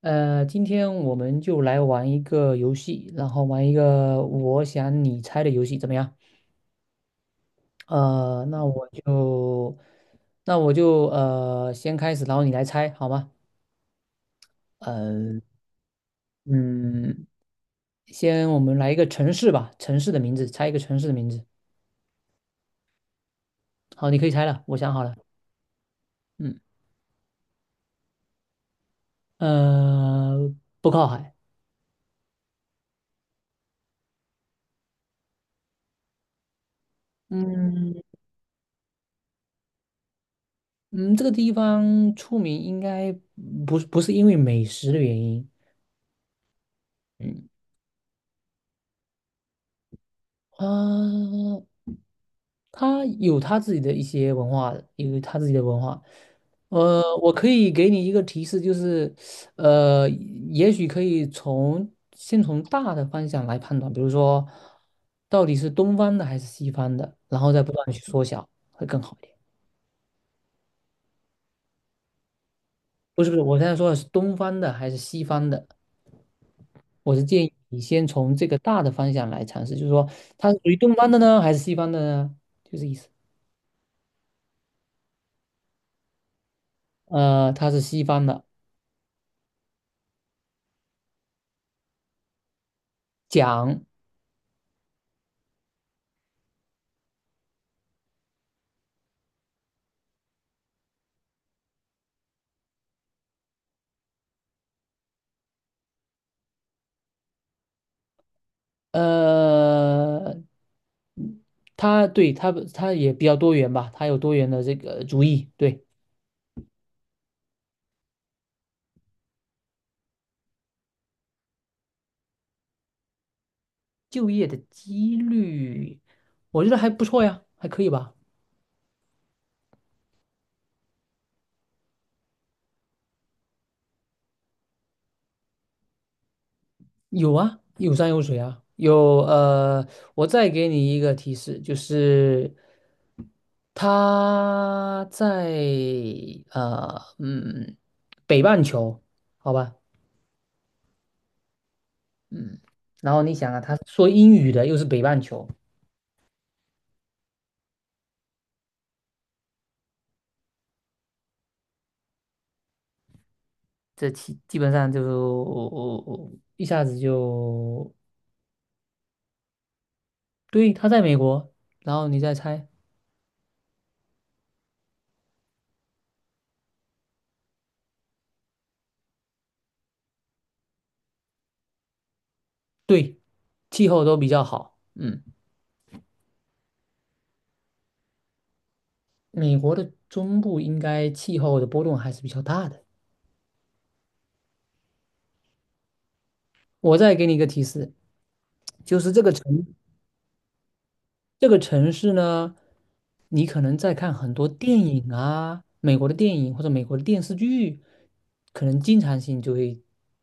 今天我们就来玩一个游戏，然后玩一个我想你猜的游戏，怎么样？呃，那我就，那我就先开始，然后你来猜，好吗？呃，嗯。先我们来一个城市吧，城市的名字，猜一个城市的名字。好，你可以猜了，我想好了。嗯。呃，不靠海。嗯嗯。这个地方出名应该不是因为美食的原因。嗯。啊，他有他自己的一些文化，有他自己的文化。我可以给你一个提示，就是，呃，也许可以先从大的方向来判断，比如说，到底是东方的还是西方的，然后再不断的去缩小，会更好一点。不是，我现在说的是东方的还是西方的，我是建议你先从这个大的方向来尝试，就是说，它是属于东方的呢，还是西方的呢？就这意思。它是西方的。讲。呃，它它也比较多元吧，它有多元的这个主意。对。就业的几率，我觉得还不错呀，还可以吧。有啊，有山有水啊，有我再给你一个提示，就是他在呃嗯北半球，好吧。嗯。然后你想啊，他说英语的又是北半球，这基本上就我一下子就对，他在美国，然后你再猜。对，气候都比较好。嗯。美国的中部应该气候的波动还是比较大的。我再给你一个提示，就是这个城市呢，你可能在看很多电影啊，美国的电影或者美国的电视剧，可能经常性就会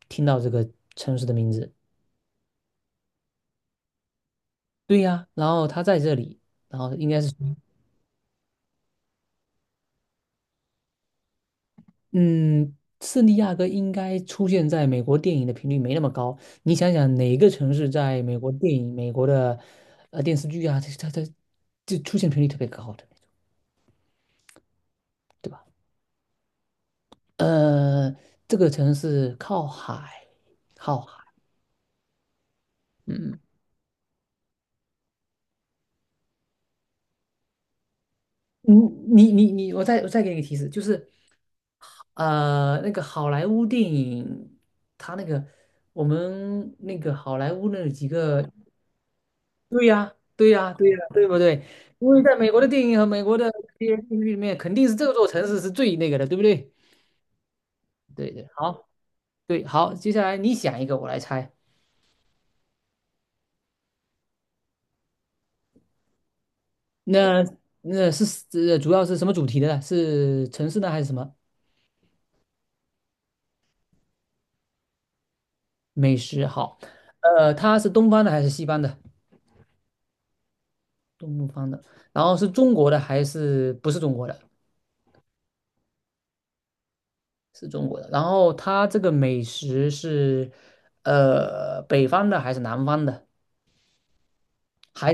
听到这个城市的名字。对呀，然后他在这里，然后应该是。嗯。圣地亚哥应该出现在美国电影的频率没那么高。你想想，哪个城市在美国电影、美国的电视剧啊，它就出现频率特别高的，对吧？呃，这个城市靠海，靠海。嗯。你你你你，我再给你个提示，就是那个好莱坞电影，它那个我们那个好莱坞那几个对呀，对呀，对呀，对不对？因为在美国的电影和美国的这些电视剧里面，肯定是这座城市是最那个的，对不对？对对，好，对好，接下来你想一个，我来猜。那那是主要是什么主题的呢？是城市呢，还是什么美食？好，它是东方的还是西方的？东方的，然后是中国的还是不是中国的？是中国的。然后它这个美食是北方的还是南方的？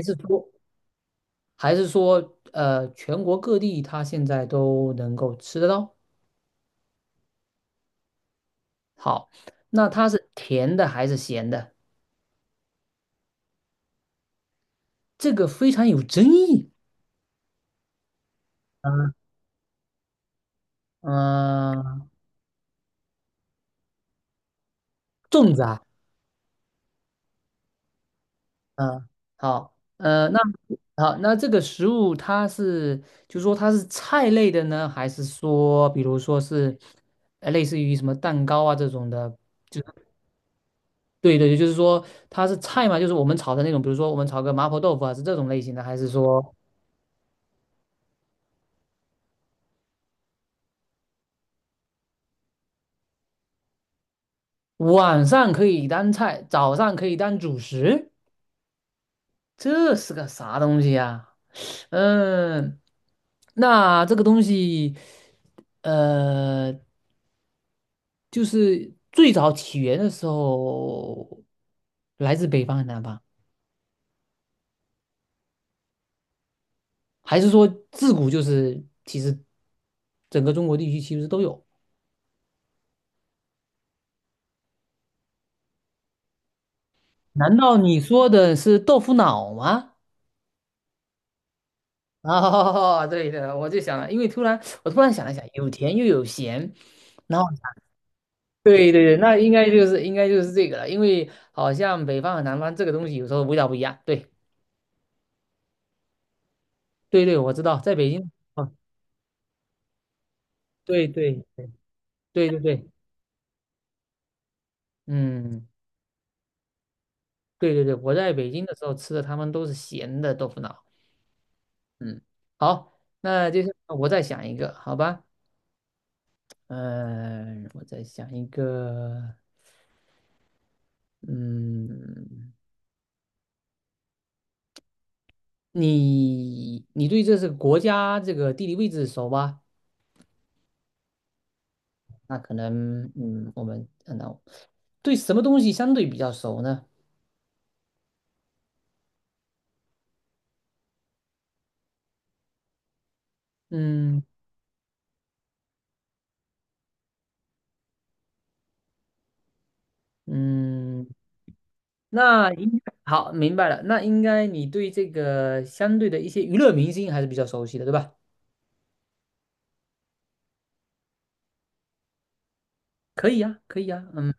还是说？还是说全国各地它现在都能够吃得到？好，那它是甜的还是咸的？这个非常有争议。嗯嗯。粽子啊。嗯。好，好，那这个食物它是，就说它是菜类的呢，还是说，比如说是，类似于什么蛋糕啊这种的？就是对对，就是说它是菜嘛，就是我们炒的那种，比如说我们炒个麻婆豆腐啊，是这种类型的，还是说？晚上可以当菜，早上可以当主食，这是个啥东西呀？嗯。那这个东西，呃，就是最早起源的时候，来自北方还是南方，还是说自古就是其实整个中国地区其实都有？难道你说的是豆腐脑吗？哦，对的，我就想了，因为我突然想了想，有甜又有咸。然后。对对对，那应该就是这个了，因为好像北方和南方这个东西有时候味道不一样。对对对，我知道，在北京啊，对对对对对。嗯。对对对，我在北京的时候吃的他们都是咸的豆腐脑。嗯。好，那接下来我再想一个，好吧？嗯、我再想一个。嗯。你对这是国家这个地理位置熟吧？那可能，我们那对什么东西相对比较熟呢？嗯嗯。那应好，明白了。那应该你对这个相对的一些娱乐明星还是比较熟悉的，对吧？可以呀，可以呀。嗯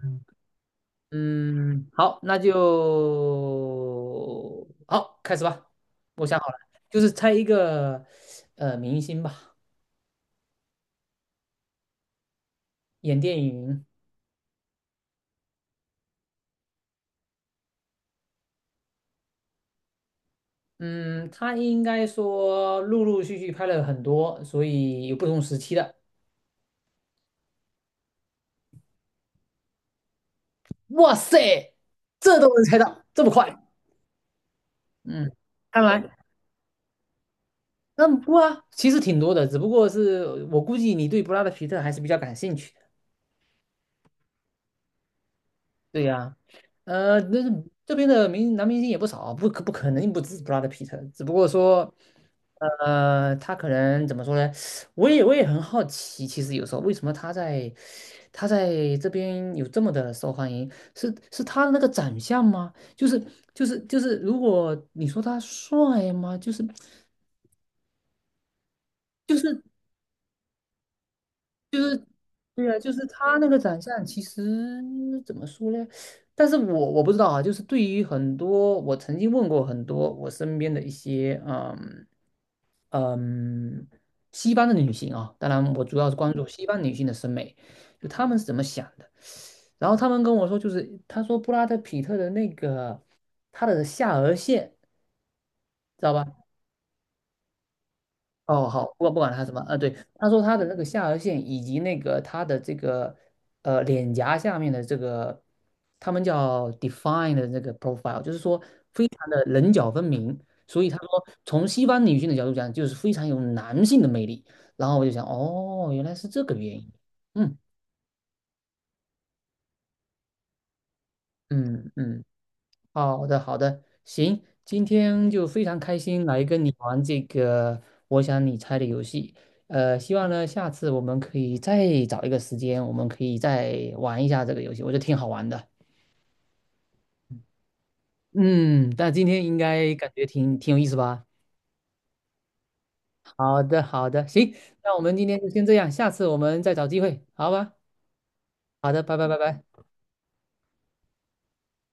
嗯。好，那就好，开始吧。我想好了，就是猜一个明星吧，演电影。嗯。他应该说陆陆续续拍了很多，所以有不同时期的。哇塞，这都能猜到，这么快？嗯，看来。嗯。不啊，其实挺多的，只不过是我估计你对布拉德皮特还是比较感兴趣的。对呀、那这边的明男明星也不少，不可能不止布拉德皮特，只不过说，他可能怎么说呢？我也很好奇，其实有时候为什么他在这边有这么的受欢迎？是他的那个长相吗？就是，如果你说他帅吗？就是。对啊，就是他那个长相，其实怎么说呢？但是我不知道啊，就是对于很多我曾经问过很多我身边的一些嗯西方的女性啊，当然我主要是关注西方女性的审美，就她们是怎么想的。然后她们跟我说，就是她说布拉德皮特的那个他的下颌线，知道吧？哦，好，不管他什么，对，他说他的那个下颌线以及那个他的这个脸颊下面的这个，他们叫 d e f i n e 的这个 profile,就是说非常的棱角分明，所以他说从西方女性的角度讲，就是非常有男性的魅力。然后我就想，哦，原来是这个原因。嗯嗯嗯。好的，好的，行，今天就非常开心来跟你玩这个我想你猜的游戏。希望呢下次我们可以再找一个时间，我们可以再玩一下这个游戏，我觉得挺好玩的。嗯。但今天应该感觉挺有意思吧？好的，好的，行，那我们今天就先这样，下次我们再找机会，好吧？好的，拜拜，拜拜。